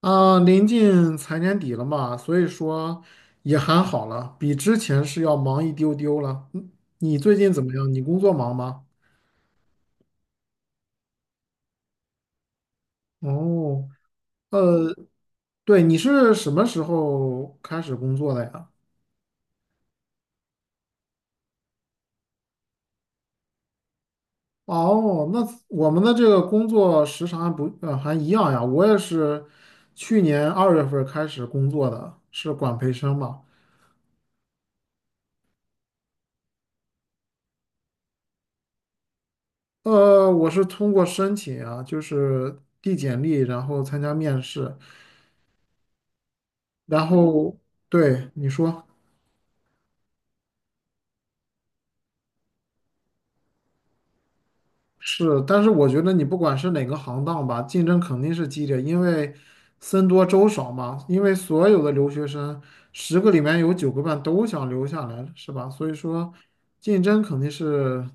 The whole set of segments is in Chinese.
啊，临近财年底了嘛，所以说也还好了，比之前是要忙一丢丢了。嗯你最近怎么样？你工作忙吗？哦，呃，对，你是什么时候开始工作的呀？哦，那我们的这个工作时长还不，呃，还一样呀。我也是去年2月份儿开始工作的，是管培生嘛。我是通过申请啊，就是递简历，然后参加面试。然后对你说是，但是我觉得你不管是哪个行当吧，竞争肯定是激烈，因为僧多粥少嘛。因为所有的留学生，10个里面有9个半都想留下来，是吧？所以说，竞争肯定是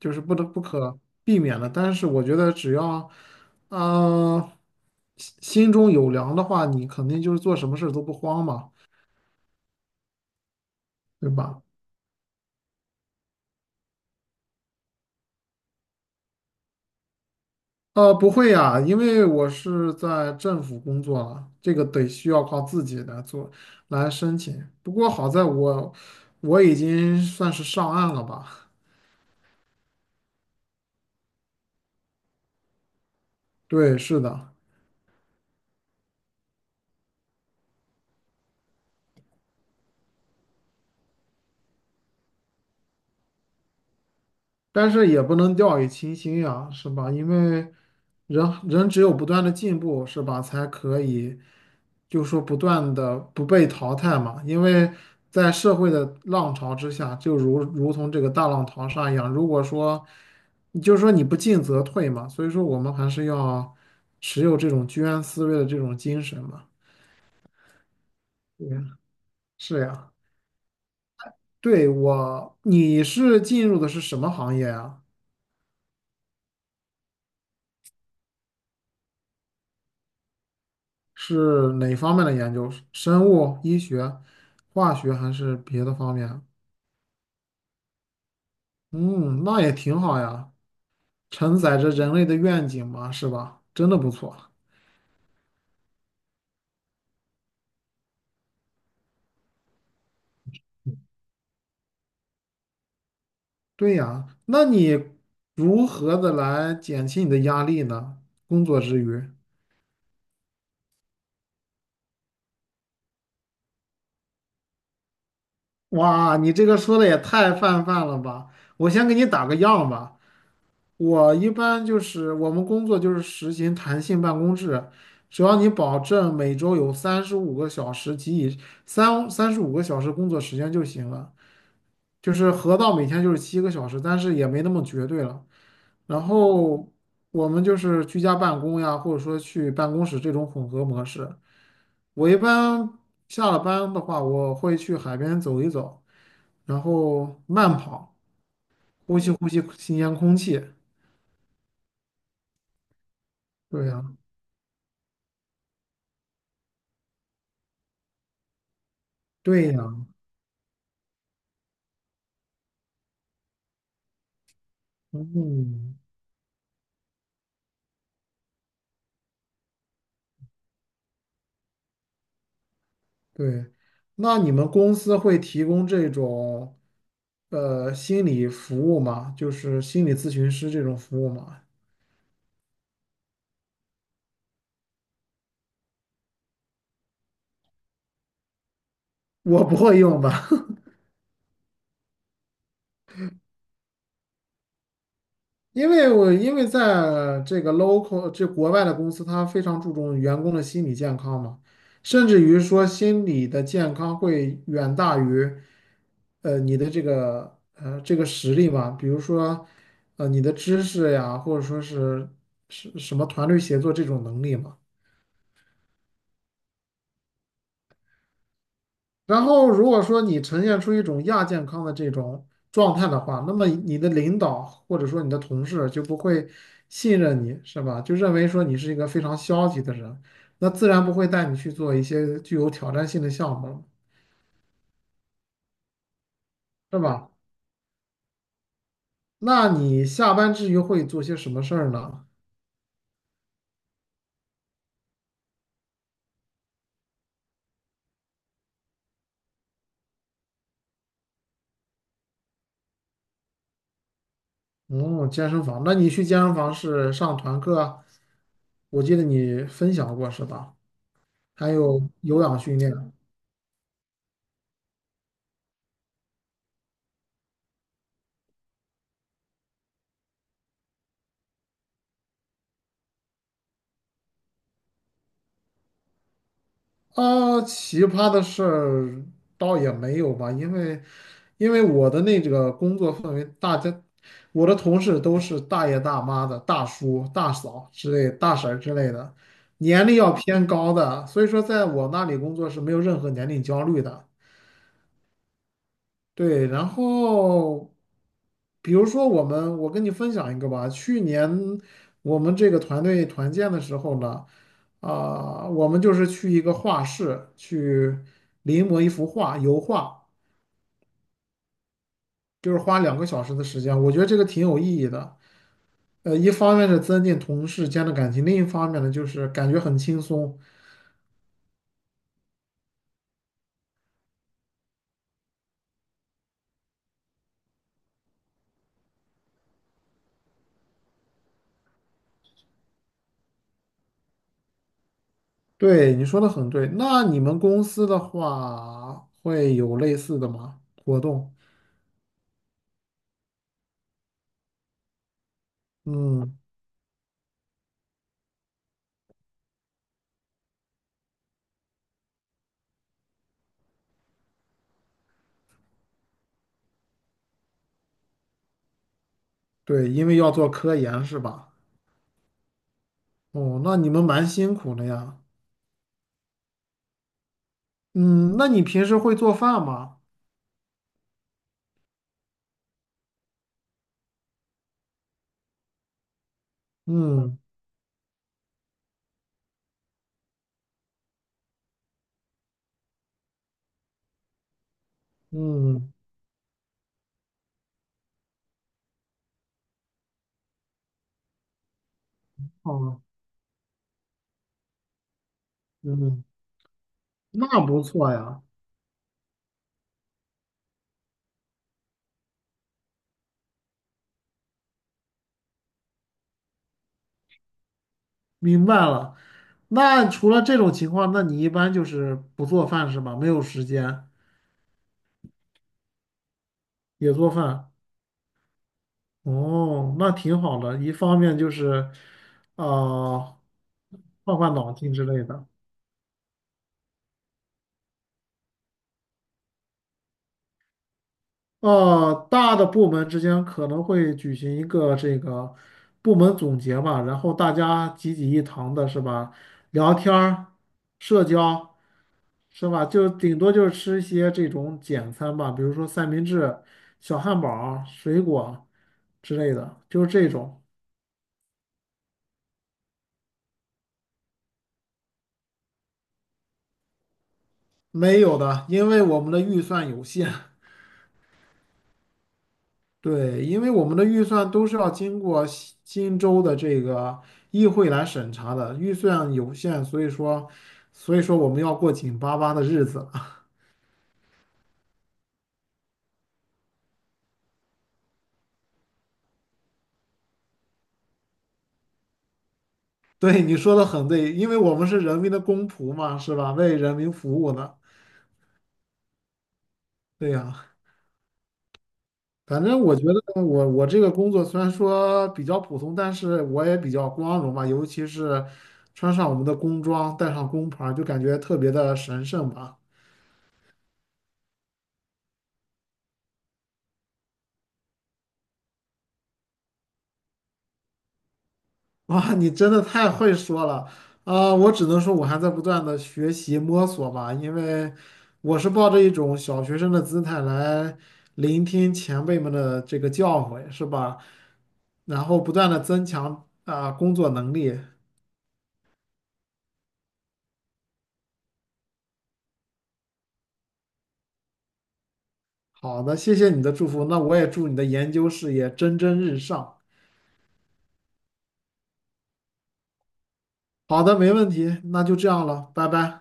就是不得不可避免的。但是我觉得只要啊、心中有粮的话，你肯定就是做什么事都不慌嘛，对吧？不会呀，因为我是在政府工作了，这个得需要靠自己来做，来申请。不过好在我已经算是上岸了吧？对，是的。但是也不能掉以轻心呀，是吧？因为人人只有不断的进步，是吧，才可以，就说不断的不被淘汰嘛。因为在社会的浪潮之下，就如同这个大浪淘沙一样，如果说，就是说你不进则退嘛，所以说我们还是要持有这种居安思危的这种精神嘛。对，是呀，你是进入的是什么行业啊？是哪方面的研究？生物、医学、化学还是别的方面？嗯，那也挺好呀，承载着人类的愿景嘛，是吧？真的不错。对呀，那你如何的来减轻你的压力呢？工作之余，哇，你这个说的也太泛泛了吧！我先给你打个样吧。我一般就是我们工作就是实行弹性办公制，只要你保证每周有三十五个小时及以三三十五个小时工作时间就行了。就是合到每天就是7个小时，但是也没那么绝对了。然后我们就是居家办公呀，或者说去办公室这种混合模式。我一般下了班的话，我会去海边走一走，然后慢跑，呼吸新鲜空气。对呀，对呀，嗯，对，那你们公司会提供这种心理服务吗？就是心理咨询师这种服务吗？我不会用吧。因为在这个 local 这国外的公司，它非常注重员工的心理健康嘛，甚至于说心理的健康会远大于你的这个实力嘛，比如说你的知识呀，或者说是什么团队协作这种能力嘛。然后，如果说你呈现出一种亚健康的这种状态的话，那么你的领导或者说你的同事就不会信任你，是吧？就认为说你是一个非常消极的人，那自然不会带你去做一些具有挑战性的项目了，是吧？那你下班之余会做些什么事儿呢？嗯，健身房。那你去健身房是上团课啊，我记得你分享过是吧？还有有氧训练啊。啊，奇葩的事儿倒也没有吧，因为因为我的那个工作氛围，我的同事都是大爷大妈的、大叔、大嫂之类、大婶儿之类的，年龄要偏高的，所以说在我那里工作是没有任何年龄焦虑的。对，然后比如说我们，我跟你分享一个吧。去年我们这个团队团建的时候呢，我们就是去一个画室去临摹一幅画，油画，就是花2个小时的时间。我觉得这个挺有意义的。一方面是增进同事间的感情，另一方面呢，就是感觉很轻松。对，你说的很对。那你们公司的话，会有类似的吗？活动？嗯。对，因为要做科研是吧？哦，那你们蛮辛苦的呀。嗯，那你平时会做饭吗？嗯嗯，哦，嗯，那不错呀。明白了。那除了这种情况，那你一般就是不做饭是吧？没有时间也做饭。哦，那挺好的。一方面就是，呃，换换脑筋之类的。大的部门之间可能会举行一个这个部门总结嘛，然后大家集一堂的是吧？聊天儿、社交是吧？就顶多就是吃一些这种简餐吧，比如说三明治、小汉堡儿、水果之类的，就是这种没有的，因为我们的预算有限。对，因为我们的预算都是要经过西新州的这个议会来审查的，预算有限，所以说，所以说我们要过紧巴巴的日子。对，你说的很对，因为我们是人民的公仆嘛，是吧？为人民服务的。对呀，反正我觉得我这个工作虽然说比较普通，但是我也比较光荣吧，尤其是穿上我们的工装，带上工牌儿就感觉特别的神圣吧。哇，你真的太会说了啊！我只能说，我还在不断的学习摸索吧，因为我是抱着一种小学生的姿态来聆听前辈们的这个教诲，是吧？然后不断的增强啊、工作能力。好的，谢谢你的祝福，那我也祝你的研究事业蒸蒸日上。好的，没问题，那就这样了，拜拜。